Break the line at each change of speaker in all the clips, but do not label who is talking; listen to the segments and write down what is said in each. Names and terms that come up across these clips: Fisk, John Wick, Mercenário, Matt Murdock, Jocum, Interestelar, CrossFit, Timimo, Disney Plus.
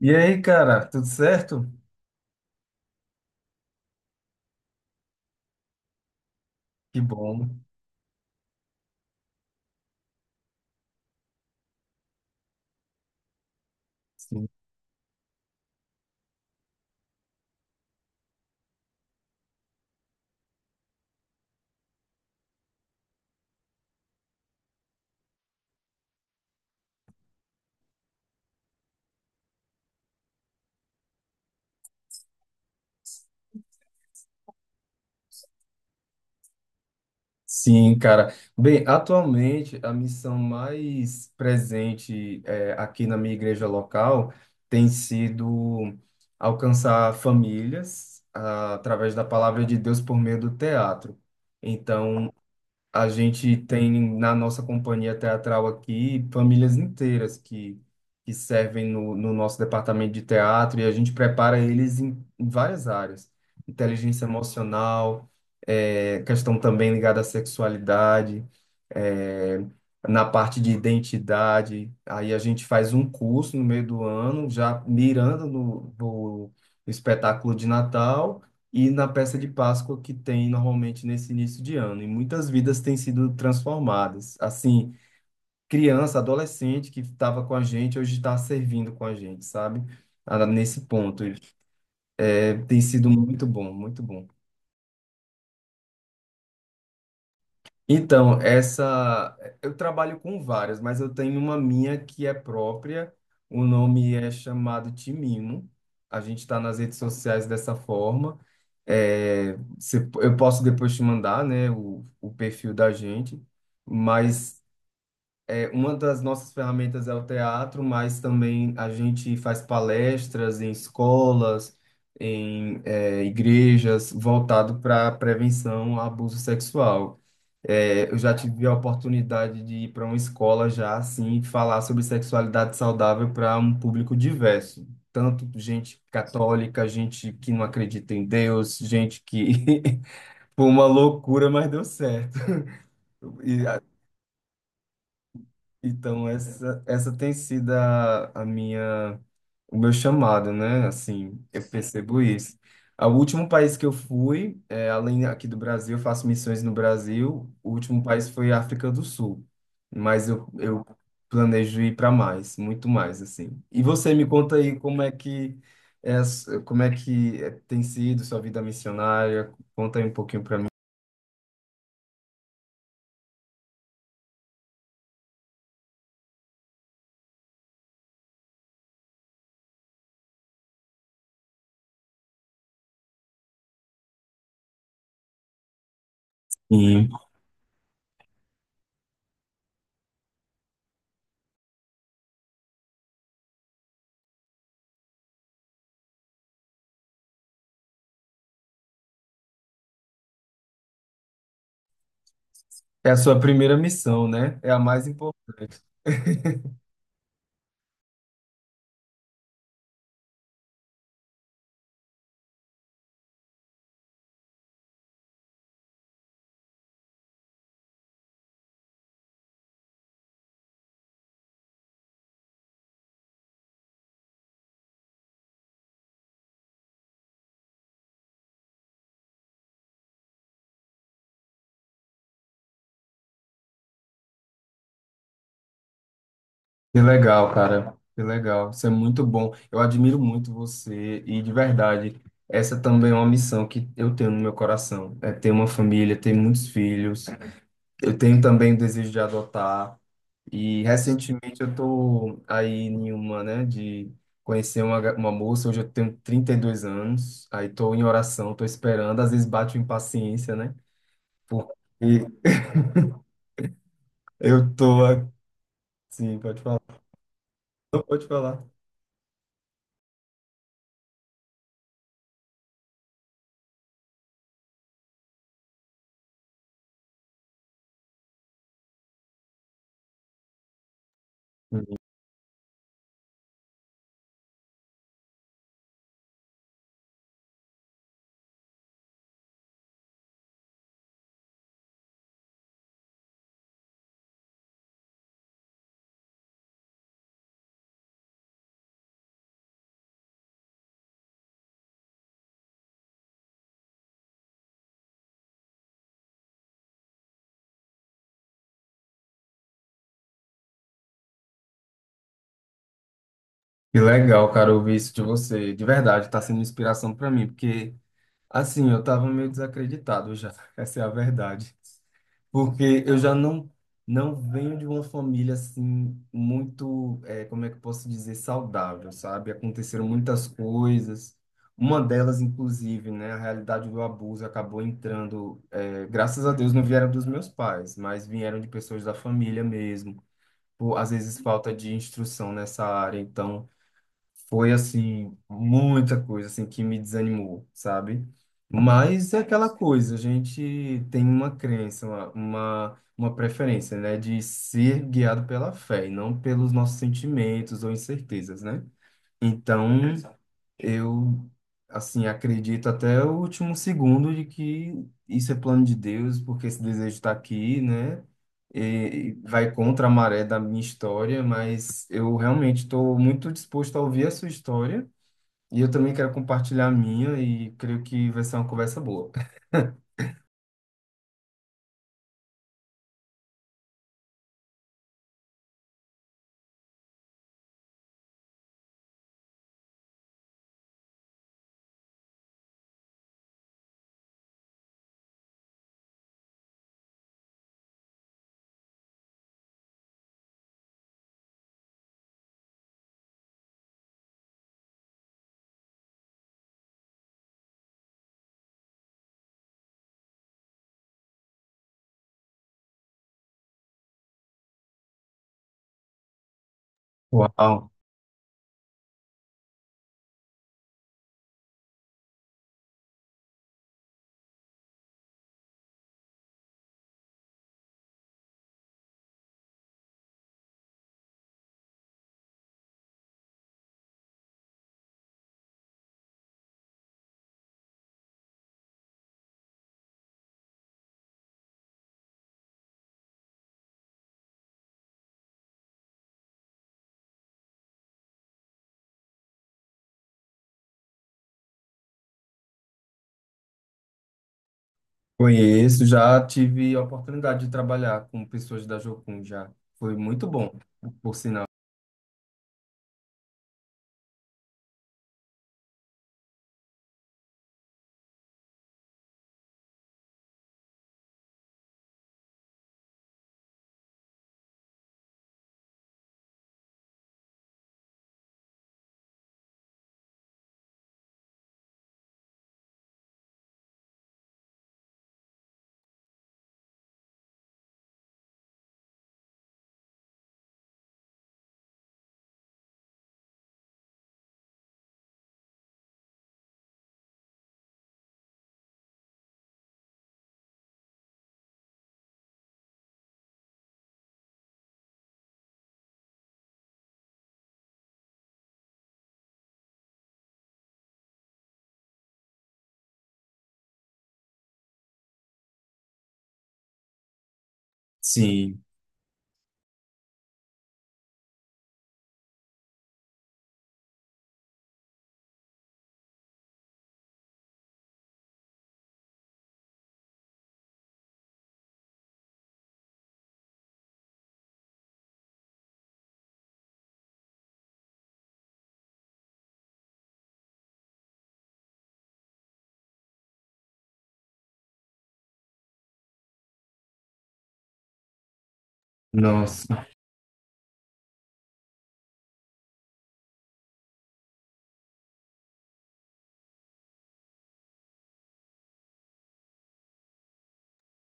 E aí, cara, tudo certo? Que bom. Sim, Sim, cara. Bem, atualmente a missão mais presente aqui na minha igreja local tem sido alcançar famílias através da palavra de Deus por meio do teatro. Então, a gente tem na nossa companhia teatral aqui famílias inteiras que servem no nosso departamento de teatro, e a gente prepara eles em várias áreas. Inteligência emocional, questão também ligada à sexualidade, eh, na parte de identidade. Aí a gente faz um curso no meio do ano, já mirando no espetáculo de Natal e na peça de Páscoa que tem normalmente nesse início de ano. E muitas vidas têm sido transformadas. Assim, criança, adolescente que estava com a gente, hoje está servindo com a gente, sabe? Ah, nesse ponto. É, tem sido muito bom, muito bom. Então, essa eu trabalho com várias, mas eu tenho uma minha que é própria. O nome é chamado Timimo. A gente está nas redes sociais dessa forma. É, eu posso depois te mandar, né, o perfil da gente, mas é, uma das nossas ferramentas é o teatro, mas também a gente faz palestras em escolas, em é, igrejas, voltado para prevenção a abuso sexual. É, eu já tive a oportunidade de ir para uma escola já assim, falar sobre sexualidade saudável para um público diverso, tanto gente católica, gente que não acredita em Deus, gente que foi uma loucura, mas deu certo. E então, essa tem sido a minha, o meu chamado, né? Assim, eu percebo isso. O último país que eu fui, é, além aqui do Brasil, eu faço missões no Brasil, o último país foi a África do Sul. Eu planejo ir para mais, muito mais, assim. E você me conta aí como é que, é, como é que é, tem sido sua vida missionária? Conta aí um pouquinho para mim. Sim. É a sua primeira missão, né? É a mais importante. Que legal, cara. Que legal. Isso é muito bom. Eu admiro muito você e, de verdade, essa também é uma missão que eu tenho no meu coração. É ter uma família, ter muitos filhos. Eu tenho também o desejo de adotar. E, recentemente, eu tô aí em uma, né, de conhecer uma, uma moça. Hoje eu tenho 32 anos. Aí tô em oração, tô esperando. Às vezes bate uma impaciência, né? Porque eu tô assim, pode falar. Não pode falar. Que legal, cara, ouvir isso de você. De verdade, tá sendo inspiração para mim, porque assim, eu tava meio desacreditado já. Essa é a verdade. Porque eu já não venho de uma família assim muito, eh, como é que eu posso dizer, saudável, sabe? Aconteceram muitas coisas. Uma delas, inclusive, né, a realidade do abuso acabou entrando, eh, graças a Deus não vieram dos meus pais, mas vieram de pessoas da família mesmo. Por, às vezes falta de instrução nessa área, então foi assim muita coisa assim que me desanimou, sabe? Mas é aquela coisa, a gente tem uma crença, uma preferência, né, de ser guiado pela fé e não pelos nossos sentimentos ou incertezas, né? Então, eu, assim, acredito até o último segundo de que isso é plano de Deus, porque esse desejo está aqui, né? E vai contra a maré da minha história, mas eu realmente estou muito disposto a ouvir a sua história, e eu também quero compartilhar a minha e creio que vai ser uma conversa boa. Uau, conheço, já tive a oportunidade de trabalhar com pessoas da Jocum já. Foi muito bom, por sinal. Sim, nossa,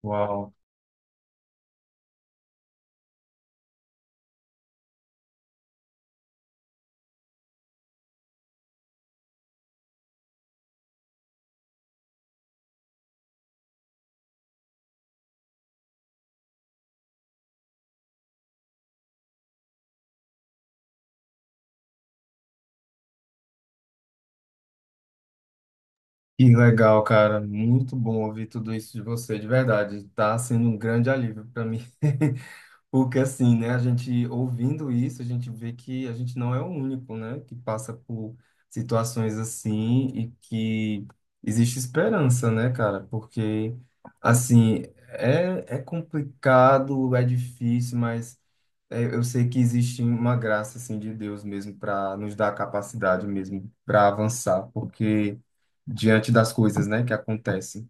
uau. Que legal, cara. Muito bom ouvir tudo isso de você, de verdade. Tá sendo um grande alívio para mim. Porque assim, né, a gente ouvindo isso, a gente vê que a gente não é o único, né, que passa por situações assim e que existe esperança, né, cara? Porque assim, é, é complicado, é difícil, mas é, eu sei que existe uma graça assim de Deus mesmo para nos dar a capacidade mesmo para avançar, porque diante das coisas, né, que acontecem.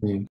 Sim.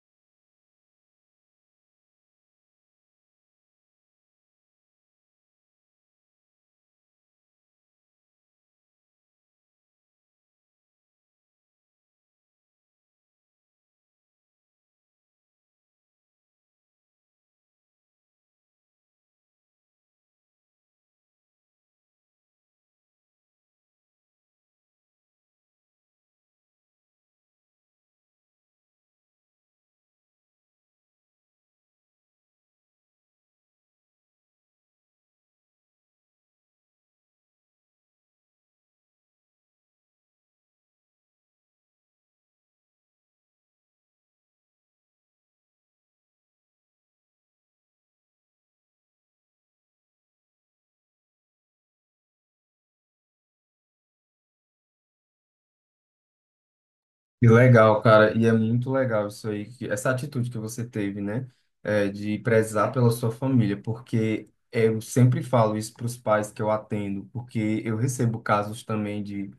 Que legal, cara, e é muito legal isso aí, que- essa atitude que você teve, né, é, de prezar pela sua família, porque eu sempre falo isso para os pais que eu atendo, porque eu recebo casos também de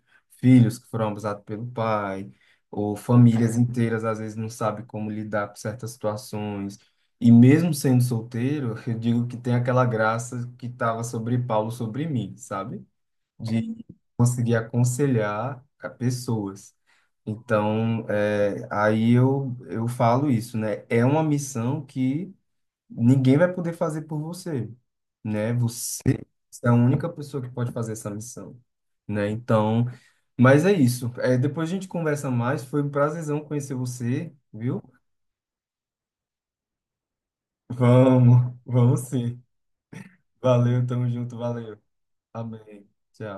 filhos que foram abusados pelo pai, ou famílias inteiras às vezes não sabem como lidar com certas situações, e mesmo sendo solteiro, eu digo que tem aquela graça que estava sobre Paulo sobre mim, sabe? De conseguir aconselhar a pessoas. Então, é, aí eu falo isso, né? É uma missão que ninguém vai poder fazer por você, né? Você é a única pessoa que pode fazer essa missão, né? Então, mas é isso. É, depois a gente conversa mais. Foi um prazerzão conhecer você, viu? Vamos, vamos sim. Valeu, tamo junto, valeu. Amém. Tchau.